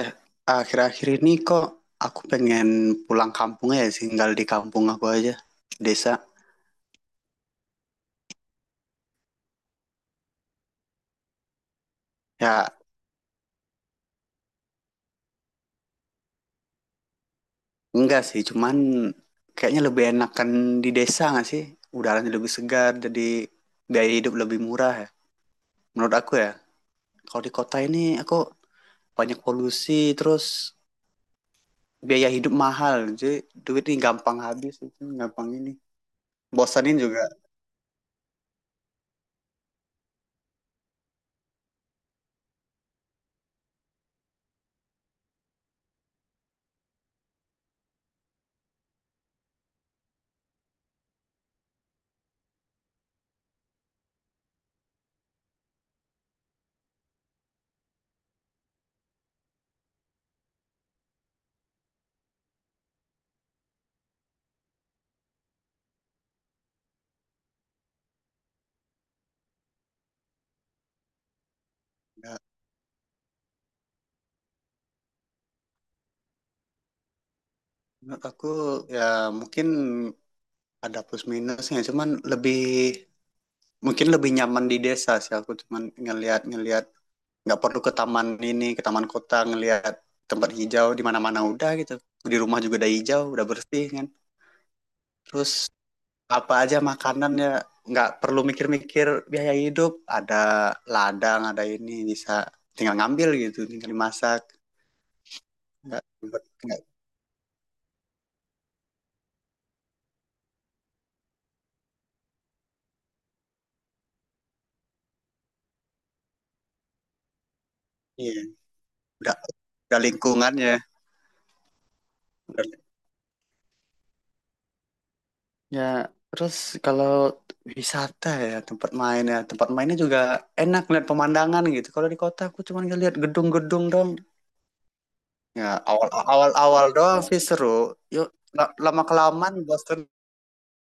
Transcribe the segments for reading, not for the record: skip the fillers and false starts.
Eh, akhir-akhir ini kok aku pengen pulang kampung ya sih, tinggal di kampung aku aja, desa. Ya enggak sih, cuman kayaknya lebih enakan di desa nggak sih, udaranya lebih segar, jadi biaya hidup lebih murah, ya menurut aku ya. Kalau di kota ini aku banyak polusi, terus biaya hidup mahal, jadi duit ini gampang habis, itu gampang ini, bosanin juga. Ya, menurut aku ya mungkin ada plus minusnya, cuman lebih, mungkin lebih nyaman di desa sih aku, cuman ngelihat-ngelihat nggak perlu ke taman ini, ke taman kota, ngelihat tempat hijau di mana-mana udah gitu. Di rumah juga udah hijau, udah bersih kan. Terus apa aja makanannya nggak perlu mikir-mikir biaya hidup. Ada ladang, ada ini, bisa tinggal ngambil gitu, tinggal dimasak. Nggak nggak, iya. Udah udah lingkungannya, udah. Ya, terus kalau wisata ya tempat main ya tempat mainnya juga enak lihat pemandangan gitu. Kalau di kota aku cuma ngeliat gedung-gedung dong. Ya awal awal awal doang sih seru. Yuk, lama kelamaan bosenin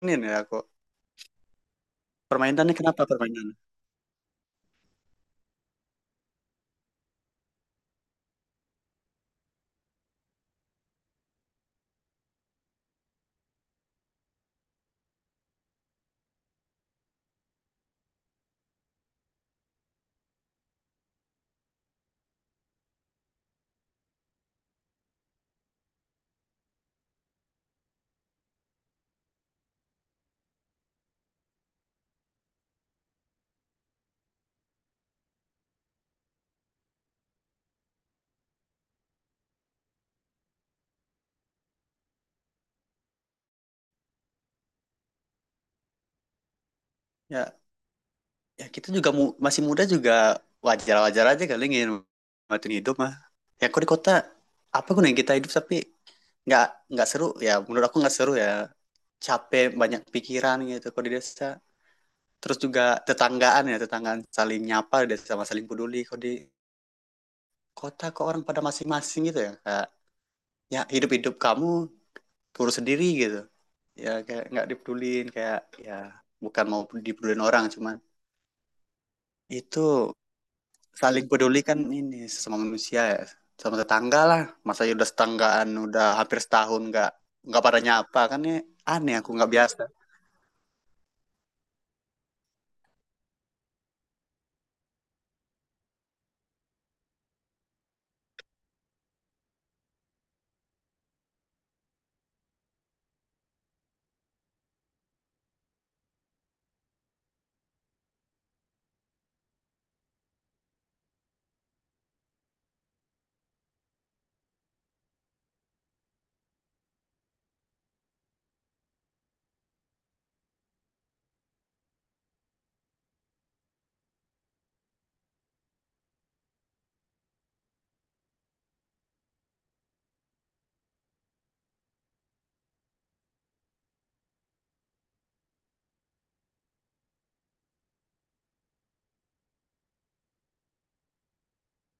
ya aku. Permainannya, kenapa permainan? Ya ya kita juga masih muda juga, wajar wajar aja kali ingin matiin hidup mah. Ya aku di kota apa gunanya kita hidup tapi nggak nggak seru ya, menurut aku nggak seru ya, capek banyak pikiran gitu. Kalau di desa, terus juga tetanggaan ya, tetanggaan saling nyapa dan sama saling peduli. Kalau di kota kok orang pada masing-masing gitu ya, kayak ya hidup-hidup kamu, kurus sendiri gitu. Ya kayak nggak dipedulin, kayak ya bukan mau dipedulin orang, cuman itu saling peduli kan, ini sesama manusia ya, sama tetangga lah. Masa ya udah setanggaan, udah hampir setahun nggak pada nyapa kan ya, aneh aku nggak biasa.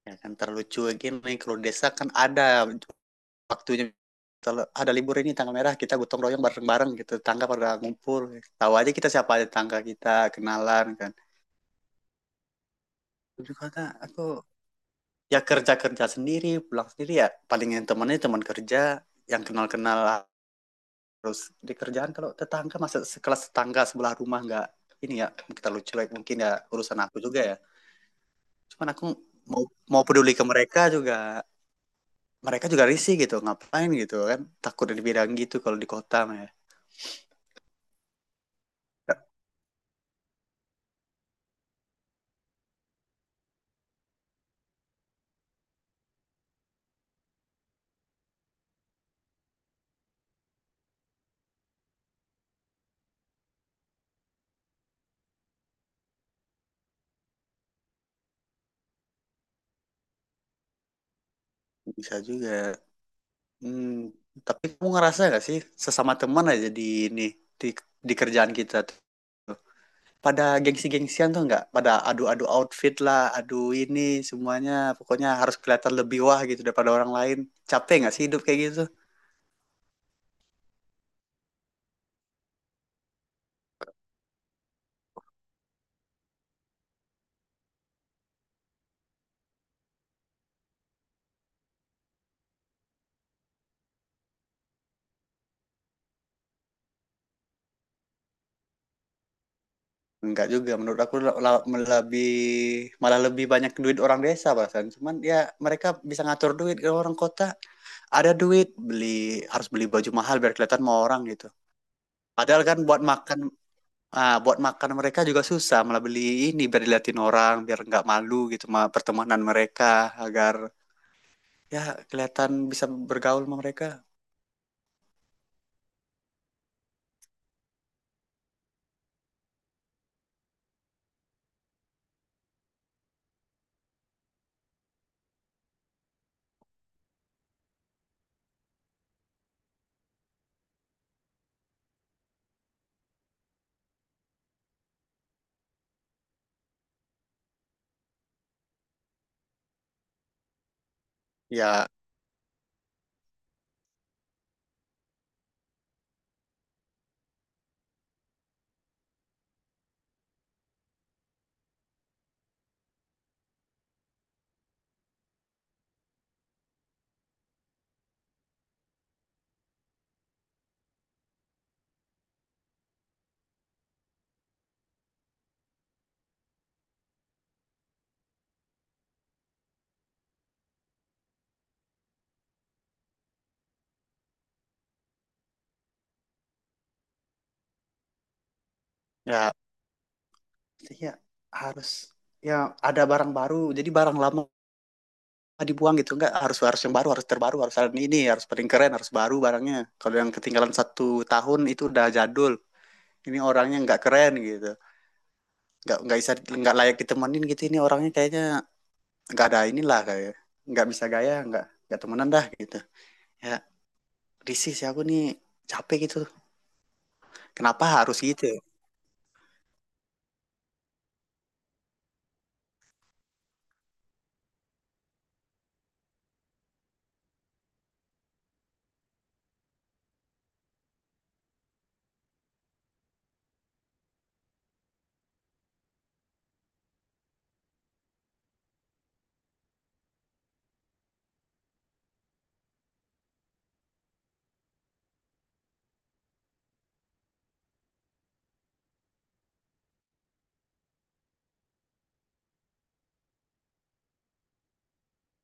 Ya kan terlucu gini, kalau desa kan ada waktunya, ada libur ini tanggal merah, kita gotong royong bareng-bareng gitu, tangga pada ngumpul, tahu aja kita siapa aja tangga kita, kenalan kan. Terus kata aku ya, kerja kerja sendiri pulang sendiri, ya paling yang temannya teman kerja yang kenal-kenal, terus di kerjaan. Kalau tetangga masa sekelas tetangga sebelah rumah nggak ini ya, kita lucu, like mungkin ya urusan aku juga ya, cuman aku mau mau peduli ke mereka juga, mereka juga risih gitu, ngapain gitu kan, takut dibidang gitu kalau di kota mah ya. Bisa juga. Hmm, tapi kamu ngerasa gak sih, sesama teman aja di ini di, di kerjaan kita tuh pada gengsi-gengsian, tuh nggak pada adu-adu outfit lah, adu ini semuanya, pokoknya harus kelihatan lebih wah gitu daripada orang lain, capek nggak sih hidup kayak gitu? Enggak juga menurut aku, lebih, malah lebih banyak duit orang desa bahkan, cuman ya mereka bisa ngatur duit. Kalau orang kota ada duit beli, harus beli baju mahal biar kelihatan mau orang gitu, padahal kan buat makan. Ah, buat makan mereka juga susah, malah beli ini biar diliatin orang, biar nggak malu gitu sama pertemanan mereka, agar ya kelihatan bisa bergaul sama mereka. Ya, ya, ya harus ya, ada barang baru, jadi barang lama dibuang gitu, nggak harus harus yang baru, harus terbaru, harus ada ini, harus paling keren, harus baru barangnya. Kalau yang ketinggalan satu tahun itu udah jadul, ini orangnya nggak keren gitu, nggak bisa, nggak layak ditemenin gitu, ini orangnya kayaknya nggak ada inilah, kayak nggak bisa gaya, nggak temenan dah gitu, ya risih sih aku nih, capek gitu. Kenapa harus gitu ya?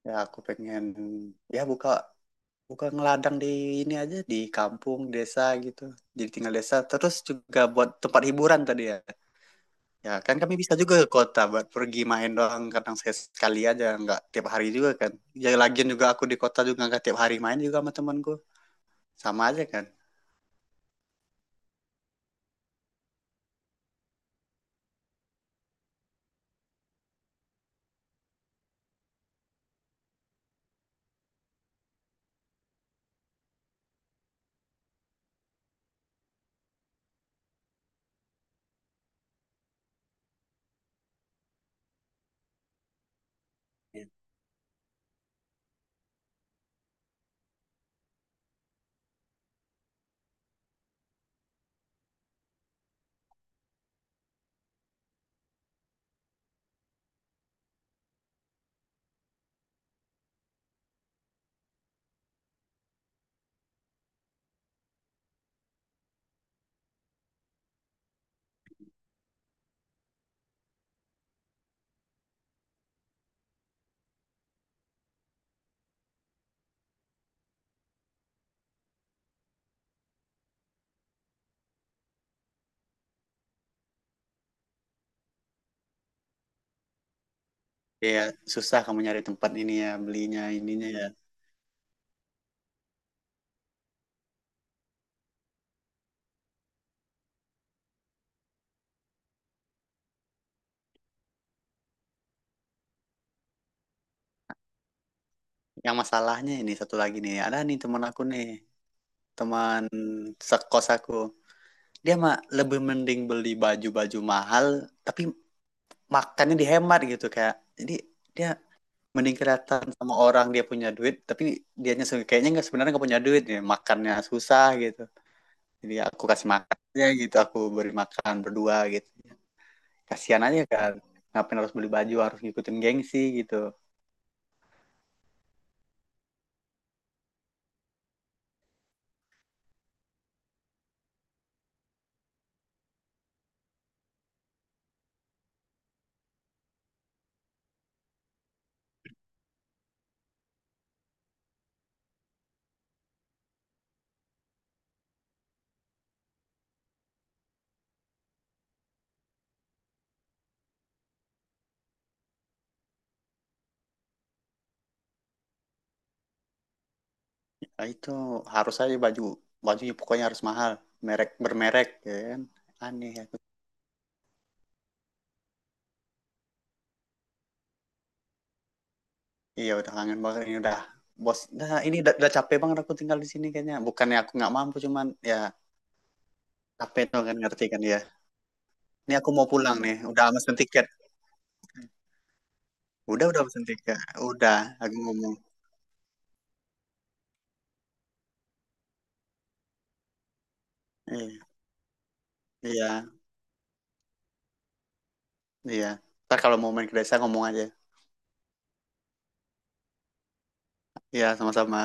Ya aku pengen ya buka buka ngeladang di ini aja, di kampung desa gitu, jadi tinggal desa terus juga buat tempat hiburan tadi ya. Ya kan kami bisa juga ke kota buat pergi main doang kadang sekali aja, nggak tiap hari juga kan. Ya lagian juga aku di kota juga nggak tiap hari main juga sama temanku, sama aja kan. Ya susah kamu nyari tempat ini ya, belinya ininya ya. Yang masalahnya ini satu lagi nih, ada nih teman aku nih, teman sekos aku. Dia mah lebih mending beli baju-baju mahal, tapi makannya dihemat gitu kayak. Jadi dia mending kelihatan sama orang dia punya duit, tapi dianya kayaknya nggak, sebenarnya nggak punya duit ya, makannya susah gitu. Jadi aku kasih makannya gitu, aku beri makan berdua gitu. Kasihan aja kan, ngapain harus beli baju, harus ngikutin gengsi gitu. Ah, itu harus aja bajunya pokoknya harus mahal, merek bermerek ya kan, aneh aku. Iya udah kangen banget ini udah, bos, nah ini udah capek banget aku tinggal di sini. Kayaknya bukannya aku nggak mampu, cuman ya capek tuh kan, ngerti kan ya. Ini aku mau pulang nih, udah mesen tiket. Udah mesen tiket. Udah, aku ngomong. Iya iya iya, ntar kalau mau main ke desa ngomong aja. Iya, sama-sama.